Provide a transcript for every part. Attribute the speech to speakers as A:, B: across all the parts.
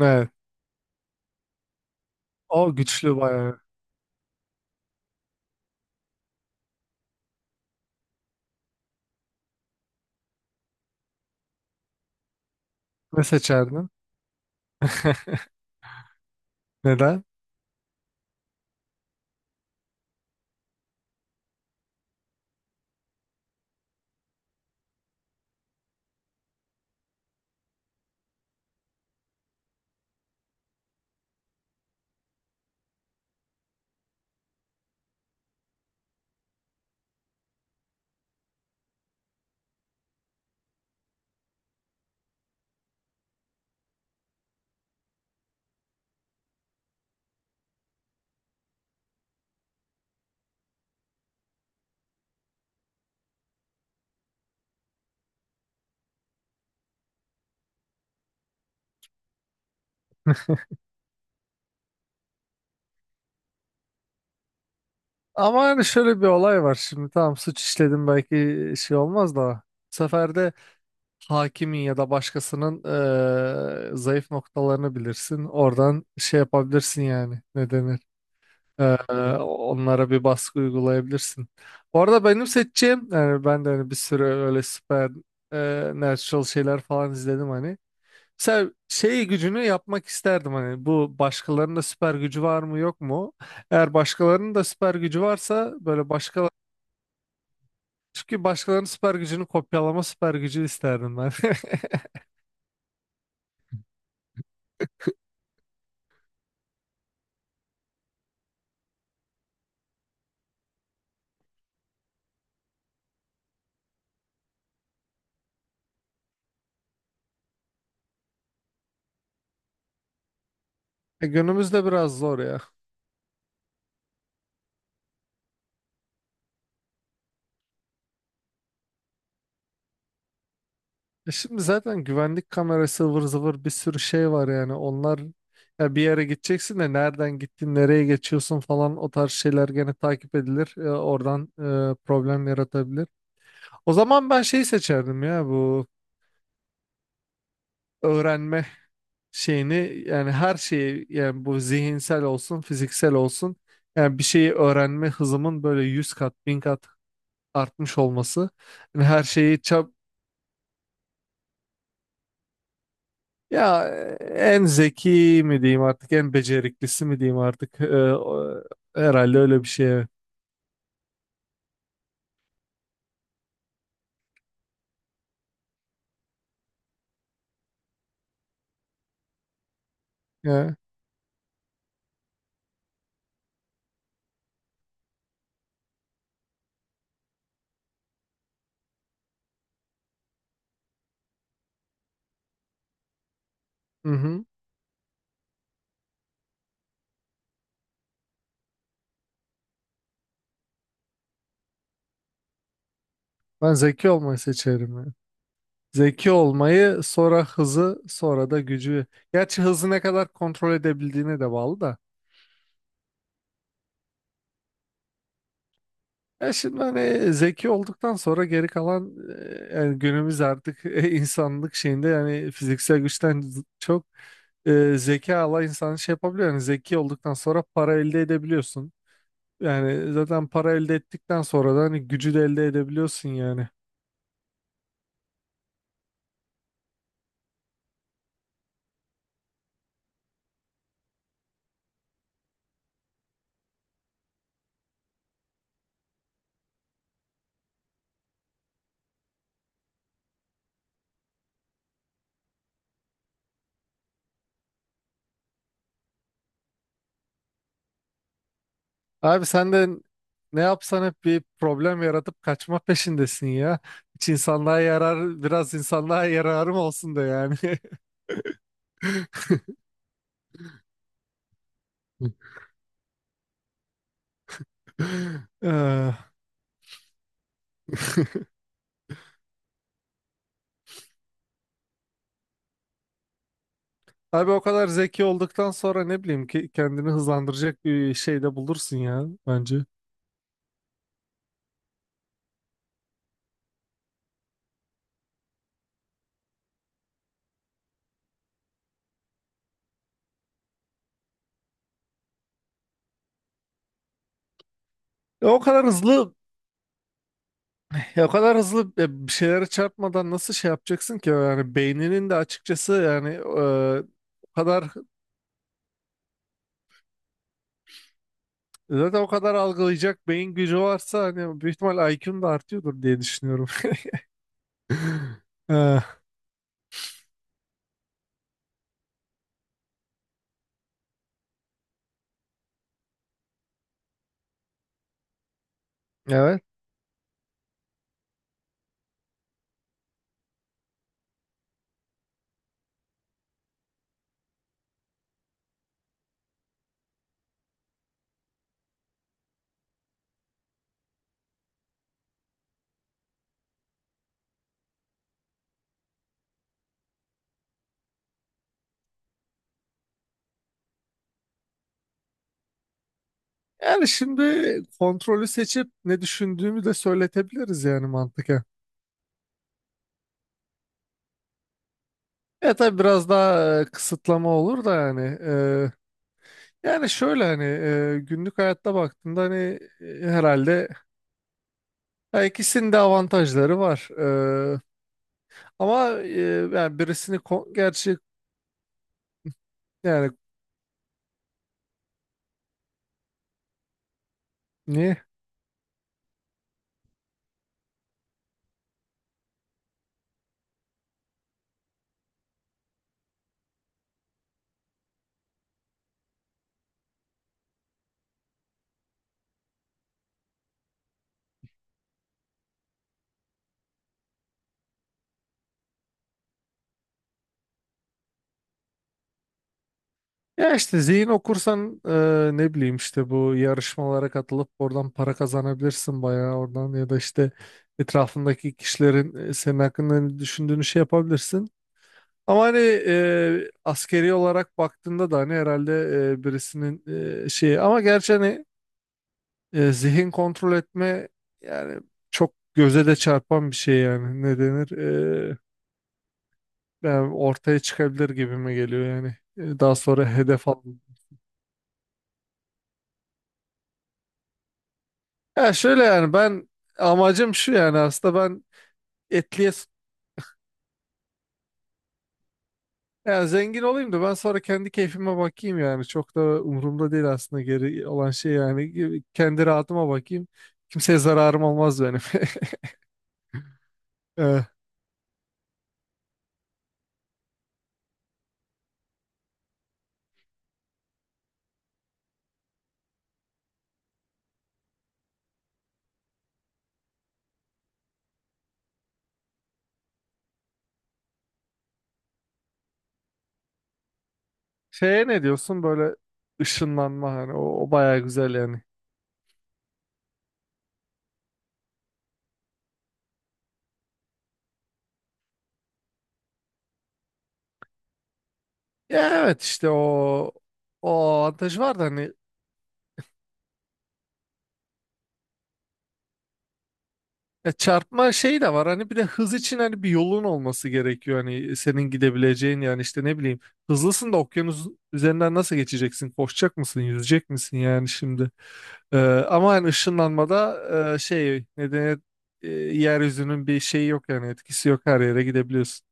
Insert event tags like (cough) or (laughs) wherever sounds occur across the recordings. A: Evet. O güçlü bayağı. Ne seçerdin? (laughs) Neden? Ama yani şöyle bir olay var. Şimdi tamam suç işledim belki şey olmaz da. Bu sefer de hakimin ya da başkasının zayıf noktalarını bilirsin. Oradan şey yapabilirsin yani. Ne denir? Eee, onlara bir baskı uygulayabilirsin. Bu arada benim seçeceğim yani ben de hani bir sürü öyle süper natural şeyler falan izledim hani. Mesela şey gücünü yapmak isterdim hani bu başkalarının da süper gücü var mı yok mu? Eğer başkalarının da süper gücü varsa böyle başka, çünkü başkalarının süper gücünü kopyalama süper gücü isterdim ben. (laughs) Günümüzde biraz zor ya. E şimdi zaten güvenlik kamerası ıvır zıvır bir sürü şey var yani onlar ya bir yere gideceksin de nereden gittin nereye geçiyorsun falan o tarz şeyler gene takip edilir, oradan problem yaratabilir. O zaman ben şeyi seçerdim ya, bu öğrenme şeyini, yani her şeyi, yani bu zihinsel olsun fiziksel olsun, yani bir şeyi öğrenme hızımın böyle 100 kat 1000 kat artmış olması, yani her şeyi çab. Ya en zeki mi diyeyim artık en beceriklisi mi diyeyim artık? O- Herhalde öyle bir şey, evet. Ya, hı hı. Ben zeki olmayı seçerim ya. Zeki olmayı, sonra hızı, sonra da gücü. Gerçi hızı ne kadar kontrol edebildiğine de bağlı da. Ya şimdi hani zeki olduktan sonra geri kalan, yani günümüz artık (laughs) insanlık şeyinde yani fiziksel güçten çok zeka Allah insan şey yapabiliyor. Yani zeki olduktan sonra para elde edebiliyorsun. Yani zaten para elde ettikten sonra da hani gücü de elde edebiliyorsun yani. Abi sen de ne yapsan hep bir problem yaratıp kaçma peşindesin ya. Hiç insanlığa yarar, biraz insanlığa yararım olsun da yani. (laughs) Eh, (laughs) abi o kadar zeki olduktan sonra ne bileyim ki kendini hızlandıracak bir şey de bulursun ya bence. O kadar hızlı (laughs) ya o kadar hızlı bir şeylere çarpmadan nasıl şey yapacaksın ki, yani beyninin de açıkçası yani e, o kadar zaten o kadar algılayacak beyin gücü varsa hani büyük ihtimal IQ'un da artıyordur diye düşünüyorum. (laughs) Eh, evet. Yani şimdi kontrolü seçip ne düşündüğümü de söyletebiliriz yani mantıken. E tabii biraz daha kısıtlama olur da yani. Yani şöyle hani günlük hayatta baktığında hani herhalde, ya ikisinin de avantajları var. Ama yani gerçi yani ne? Ya işte zihin okursan ne bileyim işte bu yarışmalara katılıp oradan para kazanabilirsin bayağı oradan, ya da işte etrafındaki kişilerin senin hakkında ne düşündüğünü şey yapabilirsin. Ama hani askeri olarak baktığında da hani herhalde birisinin şeyi ama gerçi hani zihin kontrol etme yani çok göze de çarpan bir şey yani. Ne denir? Yani ortaya çıkabilir gibi mi geliyor yani. Daha sonra hedef al. Ya şöyle yani ben, amacım şu yani aslında ben etliye s- yani zengin olayım da ben sonra kendi keyfime bakayım, yani çok da umurumda değil aslında geri olan şey, yani kendi rahatıma bakayım, kimseye zararım olmaz benim. (laughs) Ee, Şeye ne diyorsun böyle, ışınlanma hani o, o bayağı güzel yani. Ya evet işte o, o avantajı var da hani, ya çarpma şey de var hani. Bir de hız için hani bir yolun olması gerekiyor hani, senin gidebileceğin yani. İşte ne bileyim, hızlısın da okyanus üzerinden nasıl geçeceksin, koşacak mısın yüzecek misin yani şimdi? Ee, Ama hani ışınlanmada şey nedeni, yeryüzünün bir şeyi yok yani, etkisi yok, her yere gidebiliyorsun.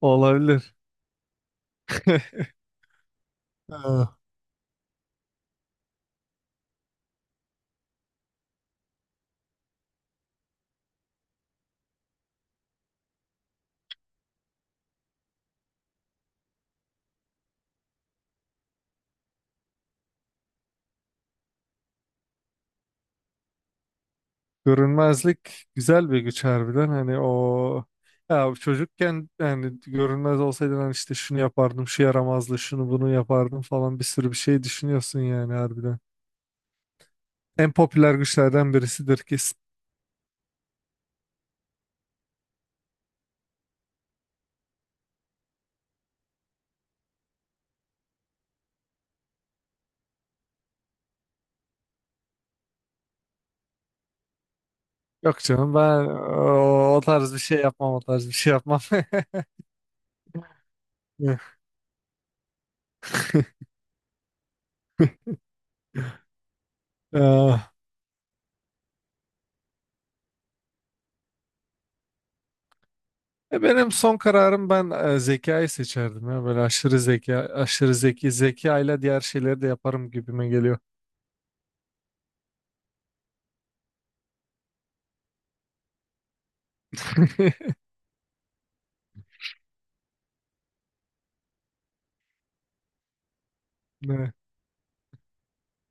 A: Olabilir. (laughs) Ha. Görünmezlik güzel bir güç harbiden hani o, ya çocukken yani görünmez olsaydın hani işte şunu yapardım şu yaramazdı şunu bunu yapardım falan, bir sürü bir şey düşünüyorsun yani harbiden. En popüler güçlerden birisidir kesin. Yok canım, ben o, o tarz bir şey yapmam, o tarz bir şey yapmam. (laughs) Ah. Benim son kararım, ben zekayı seçerdim ya, böyle aşırı zeka, aşırı zeki zekayla diğer şeyleri de yaparım gibime geliyor. (laughs) Ne?